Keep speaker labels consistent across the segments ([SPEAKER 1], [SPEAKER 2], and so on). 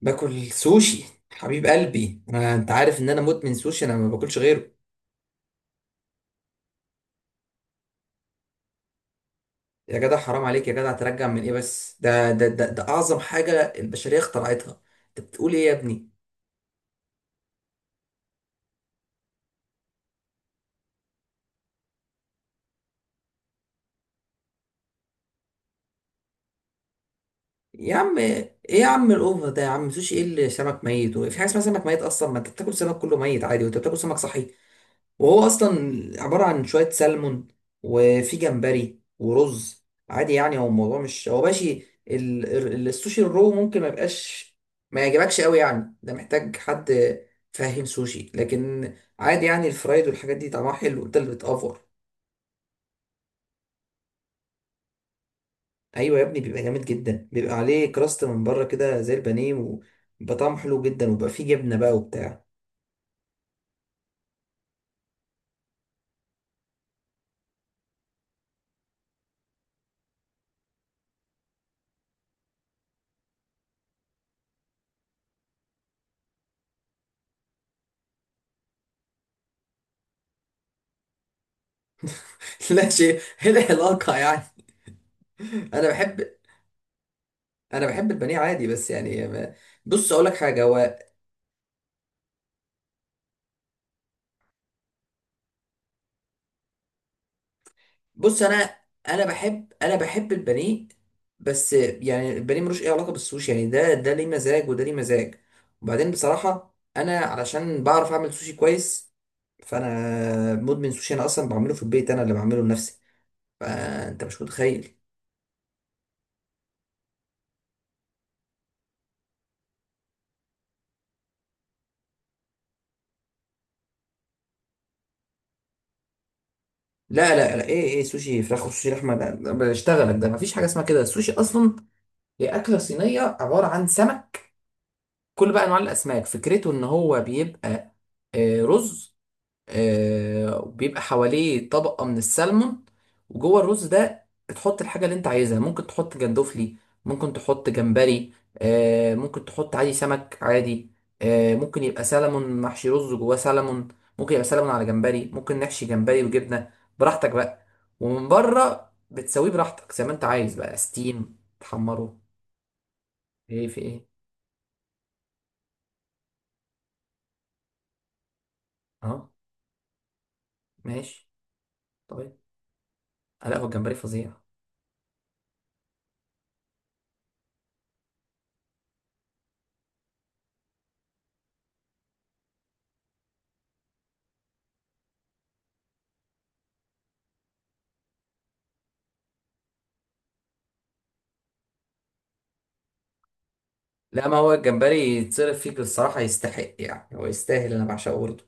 [SPEAKER 1] باكل سوشي. حبيب قلبي، انا انت عارف ان انا مدمن سوشي، انا ما باكلش غيره. يا جدع حرام عليك يا جدع، ترجع من ايه؟ بس ده اعظم حاجه البشريه اخترعتها. انت بتقول ايه يا ابني؟ يا عم ايه يا عم الاوفر ده يا عم، سوشي ايه اللي سمك ميت؟ وفي حاجه اسمها سمك ميت اصلا؟ ما انت بتاكل سمك كله ميت عادي، وانت بتاكل سمك صحي، وهو اصلا عباره عن شويه سلمون وفي جمبري ورز، عادي يعني، هو الموضوع مش هو ماشي. السوشي الرو ممكن ما يبقاش ما يعجبكش قوي، يعني ده محتاج حد فاهم سوشي، لكن عادي يعني. الفرايد والحاجات دي طعمها حلو، انت اللي بتأفور. ايوه يا ابني، بيبقى جامد جدا، بيبقى عليه كراست من بره كده زي البانيه، وبيبقى طعمه حلو جدا، وبيبقى فيه جبنه بقى وبتاع. لا شيء، ايه العلاقه يعني؟ انا بحب، انا بحب البانيه عادي، بس يعني بص اقول لك حاجه، هو بص انا، انا بحب انا بحب البانيه، بس يعني البانيه ملوش اي علاقه بالسوشي، يعني ده ليه مزاج وده ليه مزاج. وبعدين بصراحه انا علشان بعرف اعمل سوشي كويس، فانا مدمن سوشي، انا اصلا بعمله في البيت، انا اللي بعمله لنفسي، فانت مش متخيل. لا ايه؟ ايه سوشي فراخ وسوشي لحمه؟ ده بشتغلك، ده مفيش حاجه اسمها كده. السوشي اصلا هي اكله صينيه عباره عن سمك، كل بقى انواع الاسماك. فكرته ان هو بيبقى آه، رز، آه، وبيبقى حواليه طبقة من السلمون، وجوه الرز ده بتحط الحاجة اللي انت عايزها، ممكن تحط جندوفلي، ممكن تحط جمبري، آه، ممكن تحط عادي سمك عادي، آه، ممكن يبقى سلمون محشي رز جواه سلمون، ممكن يبقى سلمون على جمبري، ممكن نحشي جمبري وجبنة، براحتك بقى. ومن بره بتسويه براحتك زي ما انت عايز بقى، ستيم، تحمره. ايه في ايه؟ اه ماشي، طيب. آه، لا هو الجمبري فظيع. لا ما هو الجمبري يتصرف فيك الصراحة، يستحق يعني، هو يستاهل، أنا بعشقه برضه.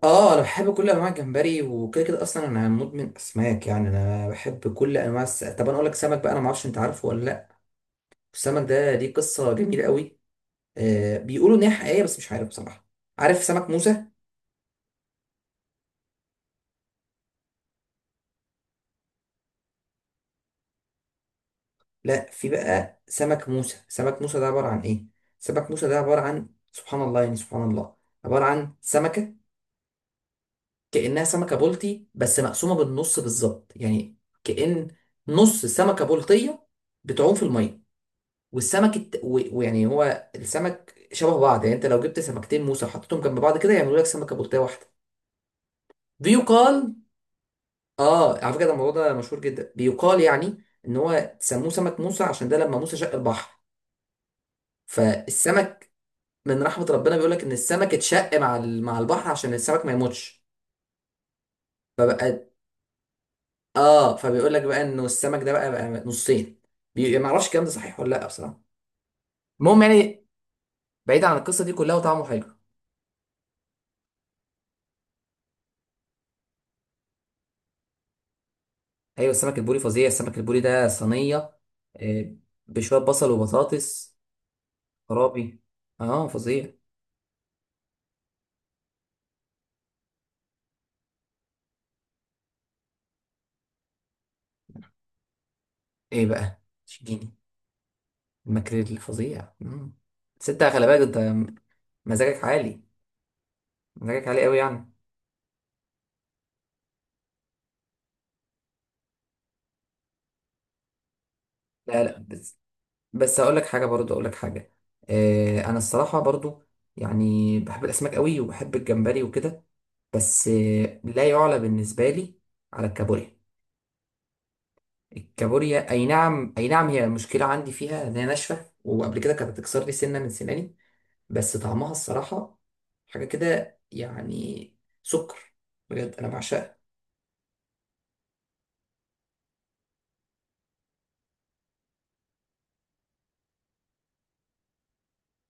[SPEAKER 1] اه انا بحب كل انواع الجمبري، وكده كده اصلا انا مدمن اسماك، يعني انا بحب كل انواع طب انا اقول لك سمك بقى، انا ما اعرفش انت عارفه ولا لا. السمك ده ليه قصه جميله قوي، آه بيقولوا ان هي حقيقيه بس مش عارف بصراحه. عارف سمك موسى؟ لا، في بقى سمك موسى. سمك موسى ده عباره عن ايه؟ سمك موسى ده عباره عن سبحان الله يعني، سبحان الله، عباره عن سمكه كأنها سمكة بلطي بس مقسومة بالنص بالظبط يعني، كأن نص سمكة بلطية بتعوم في المية. والسمك الت... و- ويعني هو السمك شبه بعض، يعني انت لو جبت سمكتين موسى وحطيتهم جنب بعض كده، يعملوا لك سمكة بلطية واحدة. بيقال، اه على فكرة ده الموضوع ده مشهور جدا، بيقال يعني ان هو سموه سمك موسى عشان ده لما موسى شق البحر، فالسمك من رحمة ربنا، بيقول لك ان السمك اتشق مع مع البحر عشان السمك ما يموتش. فبقى، اه فبيقول لك بقى انه السمك ده بقى نصين. يعني ما اعرفش الكلام ده صحيح ولا لا بصراحه. المهم يعني، بعيد عن القصه دي كلها، وطعمه حلو. ايوه السمك البوري فظيع، السمك البوري ده صينيه، آه، بشويه بصل وبطاطس، خرابي، اه فظيع. ايه بقى شجيني؟ الماكريل فظيع، مم. بس انت خلي بالك انت، مزاجك عالي، مزاجك عالي قوي يعني. لا لا، بس بس اقول لك حاجه برضو، اقول لك حاجه، آه انا الصراحه برضو يعني بحب الاسماك قوي، وبحب الجمبري وكده، بس لا يعلى بالنسبة لي على الكابوريا. الكابوريا أي نعم أي نعم، هي المشكلة عندي فيها إن هي ناشفة، وقبل كده كانت بتكسر لي سنة من سناني، بس طعمها الصراحة حاجة كده يعني، سكر، بجد أنا بعشقها.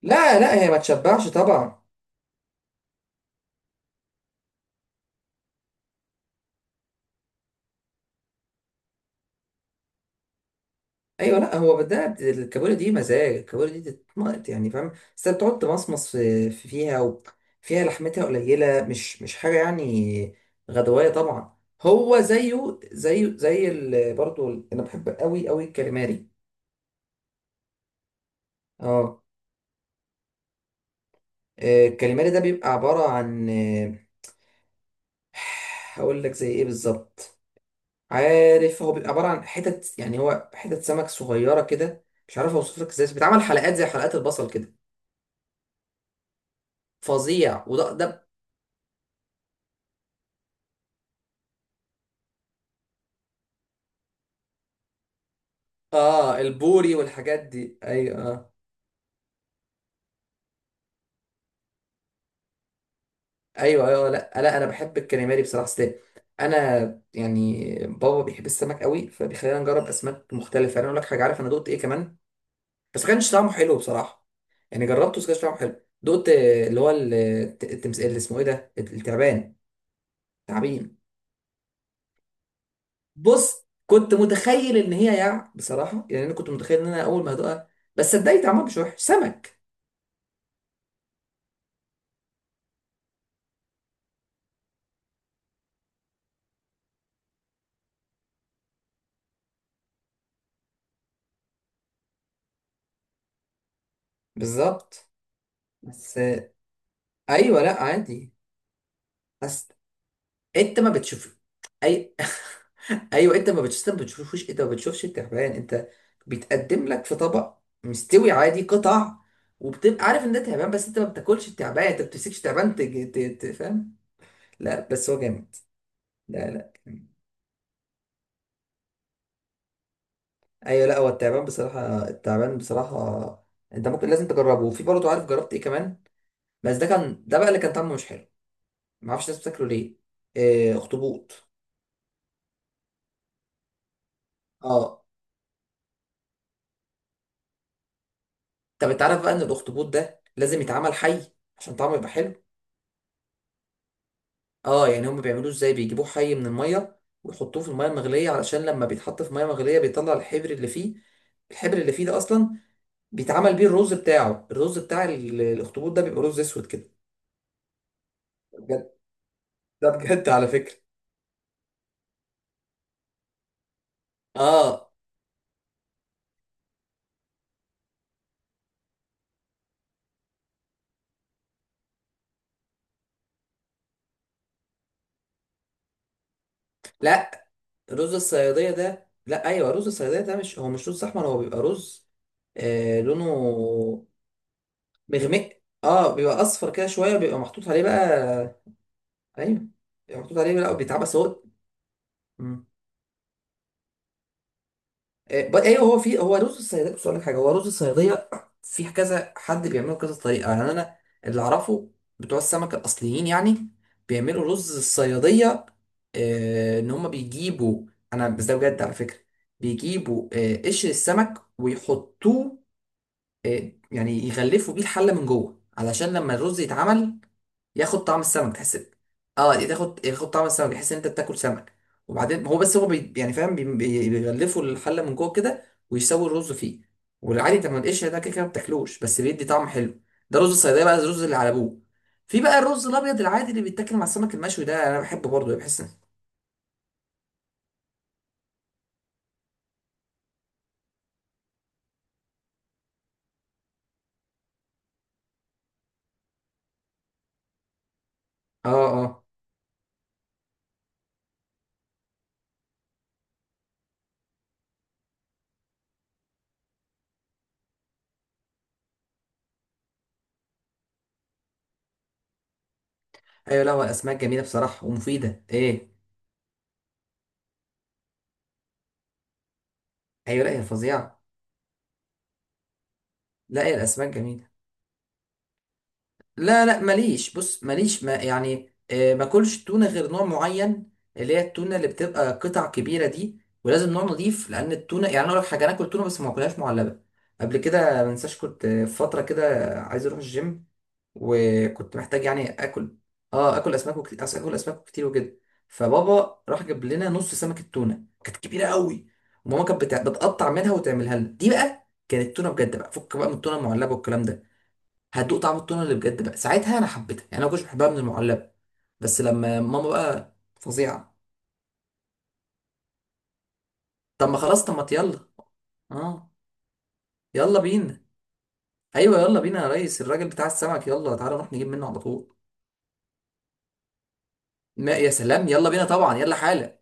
[SPEAKER 1] لا لا هي ما تشبعش طبعا. ايوه، لا هو ده الكابوريا دي مزاج، الكابوريا دي تتمقط يعني فاهم، بس انت تقعد تمصمص فيها، وفيها لحمتها قليله، مش مش حاجه يعني، غدوايه طبعا. هو زيه زيه زي برضو انا بحب قوي قوي الكاليماري. اه، آه، الكاليماري ده بيبقى عباره عن آه، هقول لك زي ايه بالظبط، عارف هو بيبقى عباره عن حتت يعني، هو حتت سمك صغيره كده، مش عارف اوصف لك ازاي، بس بيتعمل حلقات زي حلقات البصل كده، فظيع. وده اه، البوري والحاجات دي، ايوه اه. ايوه لا لا انا بحب الكاليماري بصراحه. أصل انا يعني بابا بيحب السمك قوي، فبيخلينا نجرب اسماك مختلفه. انا اقول لك حاجه، عارف انا دقت ايه كمان؟ بس ما كانش طعمه حلو بصراحه، يعني جربته بس ما كانش طعمه حلو. دقت آه، اللي هو التمس، اللي اسمه ايه ده، التعبان، تعبين. بص كنت متخيل ان هي يع بصراحه يعني، انا كنت متخيل ان انا اول ما هدوقها، بس صدقني طعمها مش وحش، سمك بالظبط. بس آه، ايوه لا عادي. بس انت ما بتشوف اي ايوه انت ما بتشوفش، انت ما بتشوفش انت ما بتشوفش التعبان، انت بيتقدم لك في طبق مستوي عادي قطع، وبتبقى عارف ان ده تعبان، بس انت ما بتاكلش التعبان، انت ما بتمسكش تعبان فاهم. لا بس هو جامد، لا لا ايوه. لا هو التعبان بصراحه، التعبان بصراحه انت ممكن لازم تجربه. وفي برضه، عارف جربت ايه كمان؟ بس ده كان، ده بقى اللي كان طعمه مش حلو، ما اعرفش الناس بتاكله ليه. آه، اخطبوط. اه طب انت عارف بقى ان الاخطبوط ده لازم يتعمل حي عشان طعمه يبقى حلو؟ اه يعني هم بيعملوه ازاي؟ بيجيبوه حي من الميه ويحطوه في الميه المغليه، علشان لما بيتحط في ميه مغليه بيطلع الحبر اللي فيه. الحبر اللي فيه ده اصلا بيتعمل بيه الرز بتاعه، الرز بتاع الاخطبوط ده بيبقى رز اسود كده، ده بجد، ده بجد على فكره. اه لا رز الصياديه ده، لا ايوه رز الصياديه ده مش هو مش رز احمر، هو بيبقى رز آه لونه مغمق، اه بيبقى اصفر كده شويه، بيبقى محطوط عليه بقى. ايوه محطوط عليه، لا بيتعب بس هو، مم. آه، ايوه هو في، هو رز الصياديه، بس اقول لك حاجه، هو رز الصياديه في كذا حد بيعمله كذا طريقه، يعني انا اللي اعرفه بتوع السمك الاصليين يعني بيعملوا رز الصياديه آه، ان هم بيجيبوا، انا بس ده بجد على فكره، بيجيبوا آه، قشر السمك ويحطوه آه، يعني يغلفوا بيه الحله من جوه، علشان لما الرز يتعمل ياخد طعم السمك، تحس اه تاخد، ياخد طعم السمك، تحس ان انت بتاكل سمك. وبعدين هو، بس هو بي يعني فاهم، بيغلفوا الحله من جوه كده، ويسووا الرز فيه والعادي. طب ما القشر ده كده كده ما بتاكلوش، بس بيدي طعم حلو. ده رز الصيدليه بقى، الرز اللي على ابوه. في بقى الرز الابيض العادي اللي بيتاكل مع السمك المشوي، ده انا بحبه برضه، يعني بحس اه اه. ايوه لا هو الاسماك جميله بصراحه ومفيده ايه. ايوه لا هي فظيعه، لا هي الاسماك جميله. لا لا ماليش، بص ماليش، ما يعني آه، باكلش تونة غير نوع معين، اللي هي التونة اللي بتبقى قطع كبيرة دي، ولازم نوع نضيف، لأن التونة يعني، أنا أقول لك حاجة، أنا آكل تونة بس ما آكلهاش معلبة. قبل كده منساش، كنت في فترة كده عايز أروح الجيم، وكنت محتاج يعني آكل، أه آكل أسماك وكتير، آكل أسماك كتير وكده، فبابا راح جاب لنا نص سمكة تونة، كانت كبيرة قوي، وماما كانت بتقطع منها وتعملها لنا، دي بقى كانت تونة بجد بقى، فك بقى من التونة المعلبة والكلام ده، هتدوق طعم التونه اللي بجد بقى. ساعتها انا حبيتها، يعني انا ما كنتش بحبها من المعلبه، بس لما ماما بقى فظيعه. طب ما خلاص، طب ما يلا، اه يلا بينا. ايوه يلا بينا يا ريس، الراجل بتاع السمك، يلا تعالى نروح نجيب منه على طول. ما يا سلام، يلا بينا طبعا، يلا حالا.